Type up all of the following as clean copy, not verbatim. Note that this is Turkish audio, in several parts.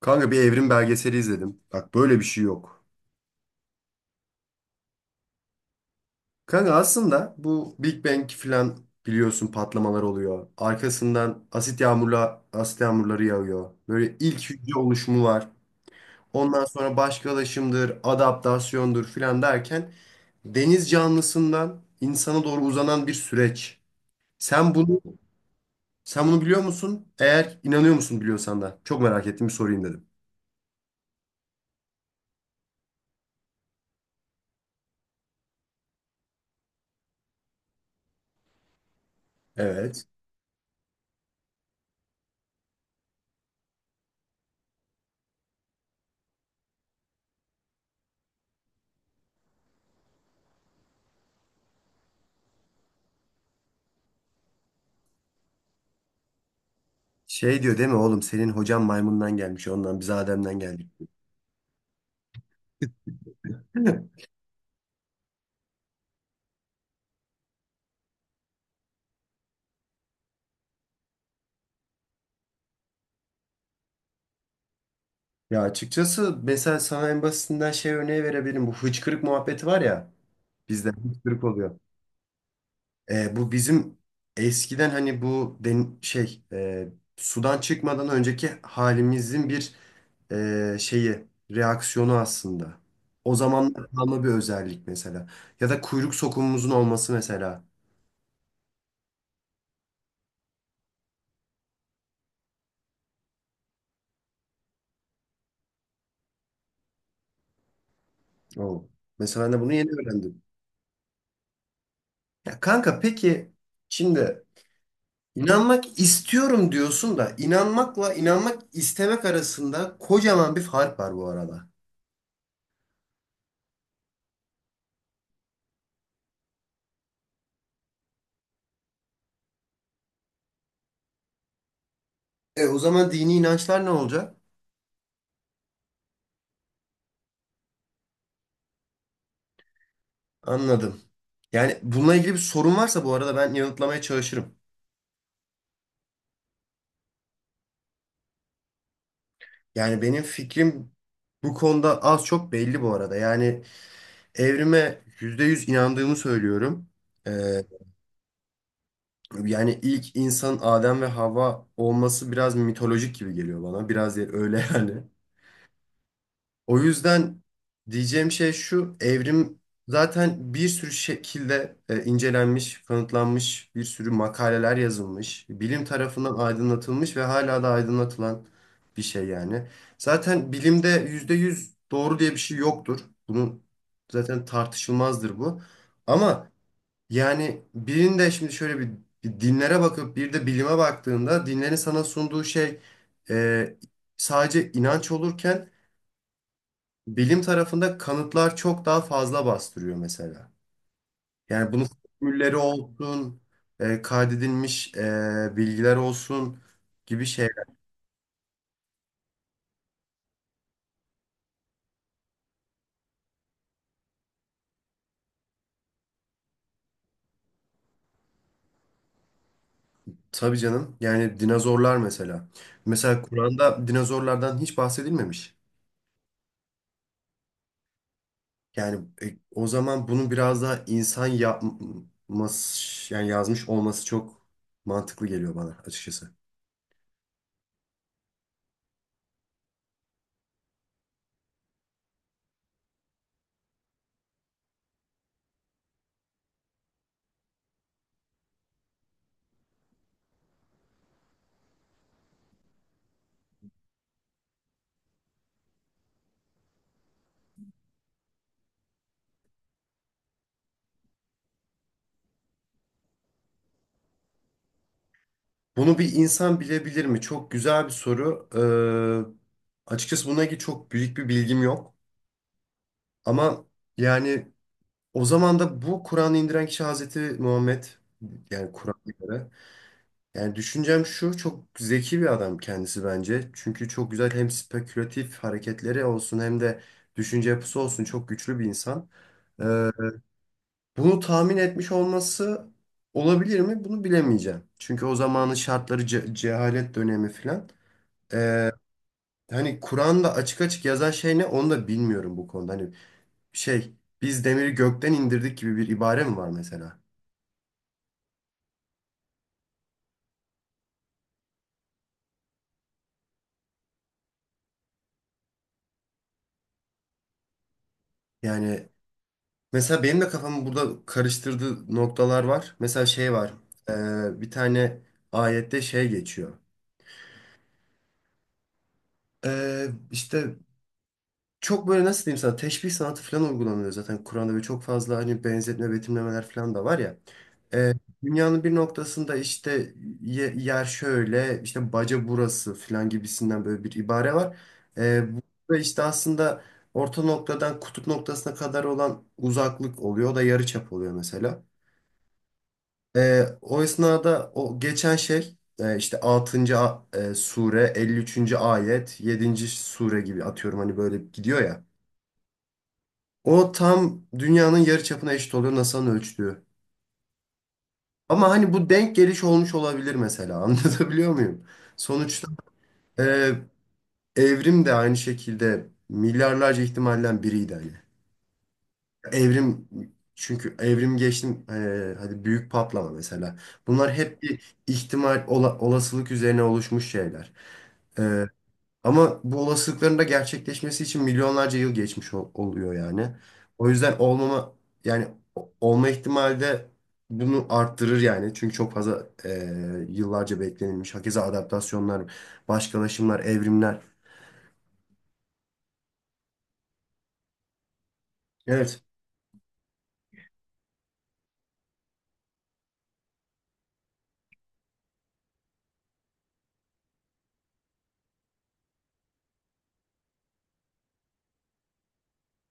Kanka bir evrim belgeseli izledim. Bak böyle bir şey yok. Kanka aslında bu Big Bang falan biliyorsun patlamalar oluyor. Arkasından asit yağmurları yağıyor. Böyle ilk hücre oluşumu var. Ondan sonra başkalaşımdır, adaptasyondur filan derken deniz canlısından insana doğru uzanan bir süreç. Sen bunu Sen bunu biliyor musun? Eğer inanıyor musun biliyorsan da. Çok merak ettim bir sorayım dedim. Evet. Şey diyor değil mi oğlum, senin hocan maymundan gelmiş, ondan biz Adem'den geldik. Ya açıkçası mesela sana en basitinden şey örneği verebilirim. Bu hıçkırık muhabbeti var ya, bizde hıçkırık oluyor. Bu bizim eskiden hani bu den şey sudan çıkmadan önceki halimizin bir şeyi, reaksiyonu aslında. O zaman kalma bir özellik mesela. Ya da kuyruk sokumumuzun olması mesela. O. Mesela ben de bunu yeni öğrendim. Ya kanka, peki şimdi, İnanmak istiyorum diyorsun da inanmakla inanmak istemek arasında kocaman bir fark var bu arada. E o zaman dini inançlar ne olacak? Anladım. Yani bununla ilgili bir sorun varsa bu arada ben yanıtlamaya çalışırım. Yani benim fikrim bu konuda az çok belli bu arada. Yani evrime %100 inandığımı söylüyorum. E, Yani ilk insan Adem ve Havva olması biraz mitolojik gibi geliyor bana. Biraz öyle yani. O yüzden diyeceğim şey şu, evrim zaten bir sürü şekilde incelenmiş, kanıtlanmış, bir sürü makaleler yazılmış, bilim tarafından aydınlatılmış ve hala da aydınlatılan bir şey yani. Zaten bilimde %100 doğru diye bir şey yoktur. Bunun zaten tartışılmazdır bu. Ama yani birinde şimdi şöyle bir dinlere bakıp bir de bilime baktığında, dinlerin sana sunduğu şey e, sadece inanç olurken bilim tarafında kanıtlar çok daha fazla bastırıyor mesela. Yani bunun formülleri olsun, kaydedilmiş bilgiler olsun gibi şeyler. Tabii canım. Yani dinozorlar mesela. Mesela Kur'an'da dinozorlardan hiç bahsedilmemiş. Yani o zaman bunu biraz daha insan yapması, yani yazmış olması çok mantıklı geliyor bana açıkçası. Bunu bir insan bilebilir mi? Çok güzel bir soru. Açıkçası buna ilgili çok büyük bir bilgim yok. Ama yani o zaman da bu Kur'an'ı indiren kişi Hazreti Muhammed, yani Kur'an'a göre. Yani düşüncem şu, çok zeki bir adam kendisi bence. Çünkü çok güzel hem spekülatif hareketleri olsun hem de düşünce yapısı olsun, çok güçlü bir insan. Ee, Bunu tahmin etmiş olması olabilir mi? Bunu bilemeyeceğim. Çünkü o zamanın şartları cehalet dönemi filan. Ee, Hani Kur'an'da açık açık yazan şey ne onu da bilmiyorum bu konuda. Hani şey, biz demiri gökten indirdik gibi bir ibare mi var mesela? Yani mesela benim de kafamı burada karıştırdığı noktalar var. Mesela şey var. Bir tane ayette şey geçiyor. İşte çok böyle, nasıl diyeyim sana, teşbih sanatı falan uygulanıyor zaten Kur'an'da ve çok fazla hani benzetme, betimlemeler falan da var ya. Ee, Dünyanın bir noktasında işte yer şöyle işte baca burası falan gibisinden böyle bir ibare var. Ee, Burada işte aslında orta noktadan kutup noktasına kadar olan uzaklık oluyor. O da yarıçap oluyor mesela. O esnada o geçen şey işte altıncı sure, 53. ayet, yedinci sure gibi atıyorum, hani böyle gidiyor ya. O tam dünyanın yarıçapına eşit oluyor, NASA'nın ölçtüğü. Ama hani bu denk geliş olmuş olabilir mesela. Anlatabiliyor muyum? Sonuçta e, evrim de aynı şekilde milyarlarca ihtimalden biriydi hani. Evrim Çünkü evrim geçtim, hadi büyük patlama mesela. Bunlar hep bir ihtimal, olasılık üzerine oluşmuş şeyler. E, Ama bu olasılıkların da gerçekleşmesi için milyonlarca yıl geçmiş oluyor yani. O yüzden yani olma ihtimali de bunu arttırır yani. Çünkü çok fazla yıllarca beklenilmiş. Hakeza adaptasyonlar, başkalaşımlar, evrimler. Evet.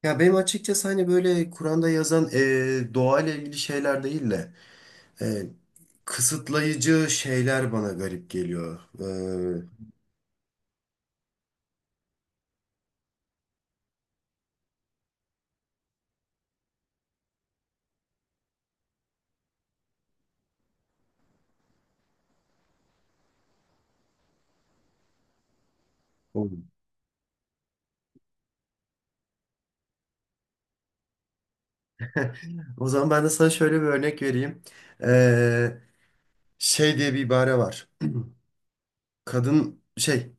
Ya benim açıkçası hani böyle Kur'an'da yazan doğayla ilgili şeyler değil de e, kısıtlayıcı şeyler bana garip geliyor. E, O o zaman ben de sana şöyle bir örnek vereyim. Şey diye bir ibare var. Kadın şey,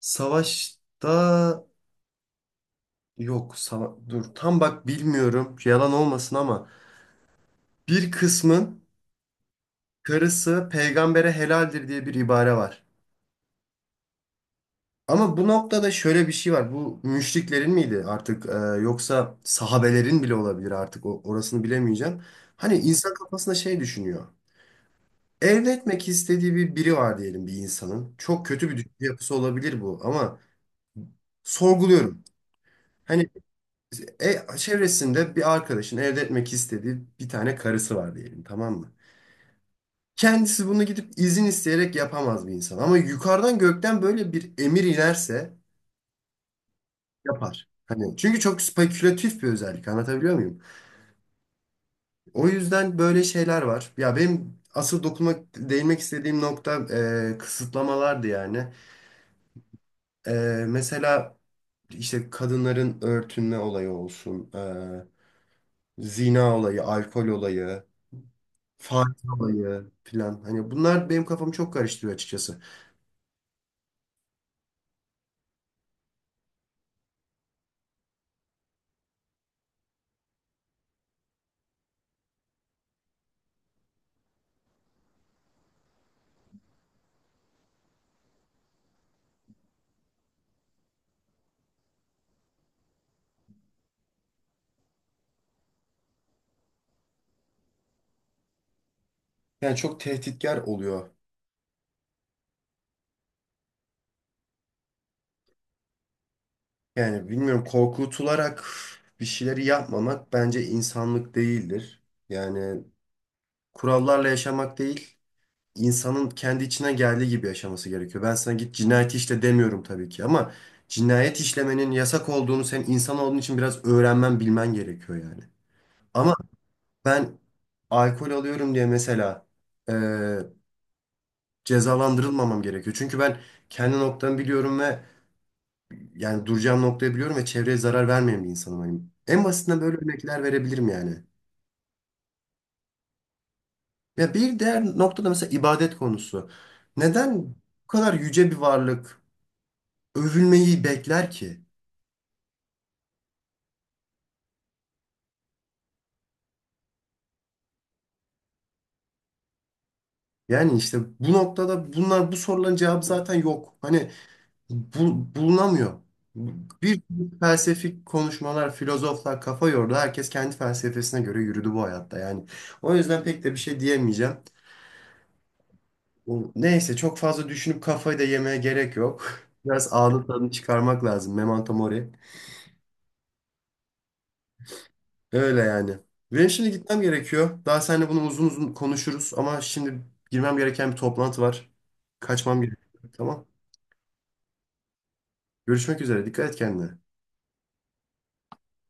savaşta, yok dur tam bak, bilmiyorum, yalan olmasın ama bir kısmın karısı peygambere helaldir diye bir ibare var. Ama bu noktada şöyle bir şey var. Bu müşriklerin miydi artık, yoksa sahabelerin bile olabilir artık, orasını bilemeyeceğim. Hani insan kafasında şey düşünüyor. Elde etmek istediği bir biri var diyelim bir insanın. Çok kötü bir düşünce yapısı olabilir bu ama sorguluyorum. Hani çevresinde bir arkadaşın elde etmek istediği bir tane karısı var diyelim, tamam mı? Kendisi bunu gidip izin isteyerek yapamaz bir insan. Ama yukarıdan, gökten böyle bir emir inerse yapar. Hani çünkü çok spekülatif bir özellik, anlatabiliyor muyum? O yüzden böyle şeyler var. Ya benim asıl dokunmak, değinmek istediğim nokta kısıtlamalardı yani. Mesela işte kadınların örtünme olayı olsun, zina olayı, alkol olayı. Faiz olayı filan. Hani bunlar benim kafamı çok karıştırıyor açıkçası. Yani çok tehditkar oluyor. Yani bilmiyorum, korkutularak bir şeyleri yapmamak bence insanlık değildir. Yani kurallarla yaşamak değil, insanın kendi içine geldiği gibi yaşaması gerekiyor. Ben sana git cinayet işle demiyorum tabii ki ama cinayet işlemenin yasak olduğunu sen insan olduğun için biraz öğrenmen, bilmen gerekiyor yani. Ama ben alkol alıyorum diye mesela cezalandırılmamam gerekiyor. Çünkü ben kendi noktamı biliyorum ve yani duracağım noktayı biliyorum ve çevreye zarar vermeyen bir insanım. Hani en basitinden böyle örnekler verebilirim yani. Ya bir diğer noktada mesela ibadet konusu. Neden bu kadar yüce bir varlık övülmeyi bekler ki? Yani işte bu noktada bunlar, bu soruların cevabı zaten yok. Hani bulunamıyor. Bir sürü felsefik konuşmalar, filozoflar kafa yordu. Herkes kendi felsefesine göre yürüdü bu hayatta. Yani o yüzden pek de bir şey diyemeyeceğim. Neyse, çok fazla düşünüp kafayı da yemeye gerek yok. Biraz anı tadını çıkarmak lazım. Memento mori. Öyle yani. Benim şimdi gitmem gerekiyor. Daha seninle bunu uzun uzun konuşuruz ama şimdi girmem gereken bir toplantı var. Kaçmam gerekiyor. Tamam. Görüşmek üzere. Dikkat et kendine.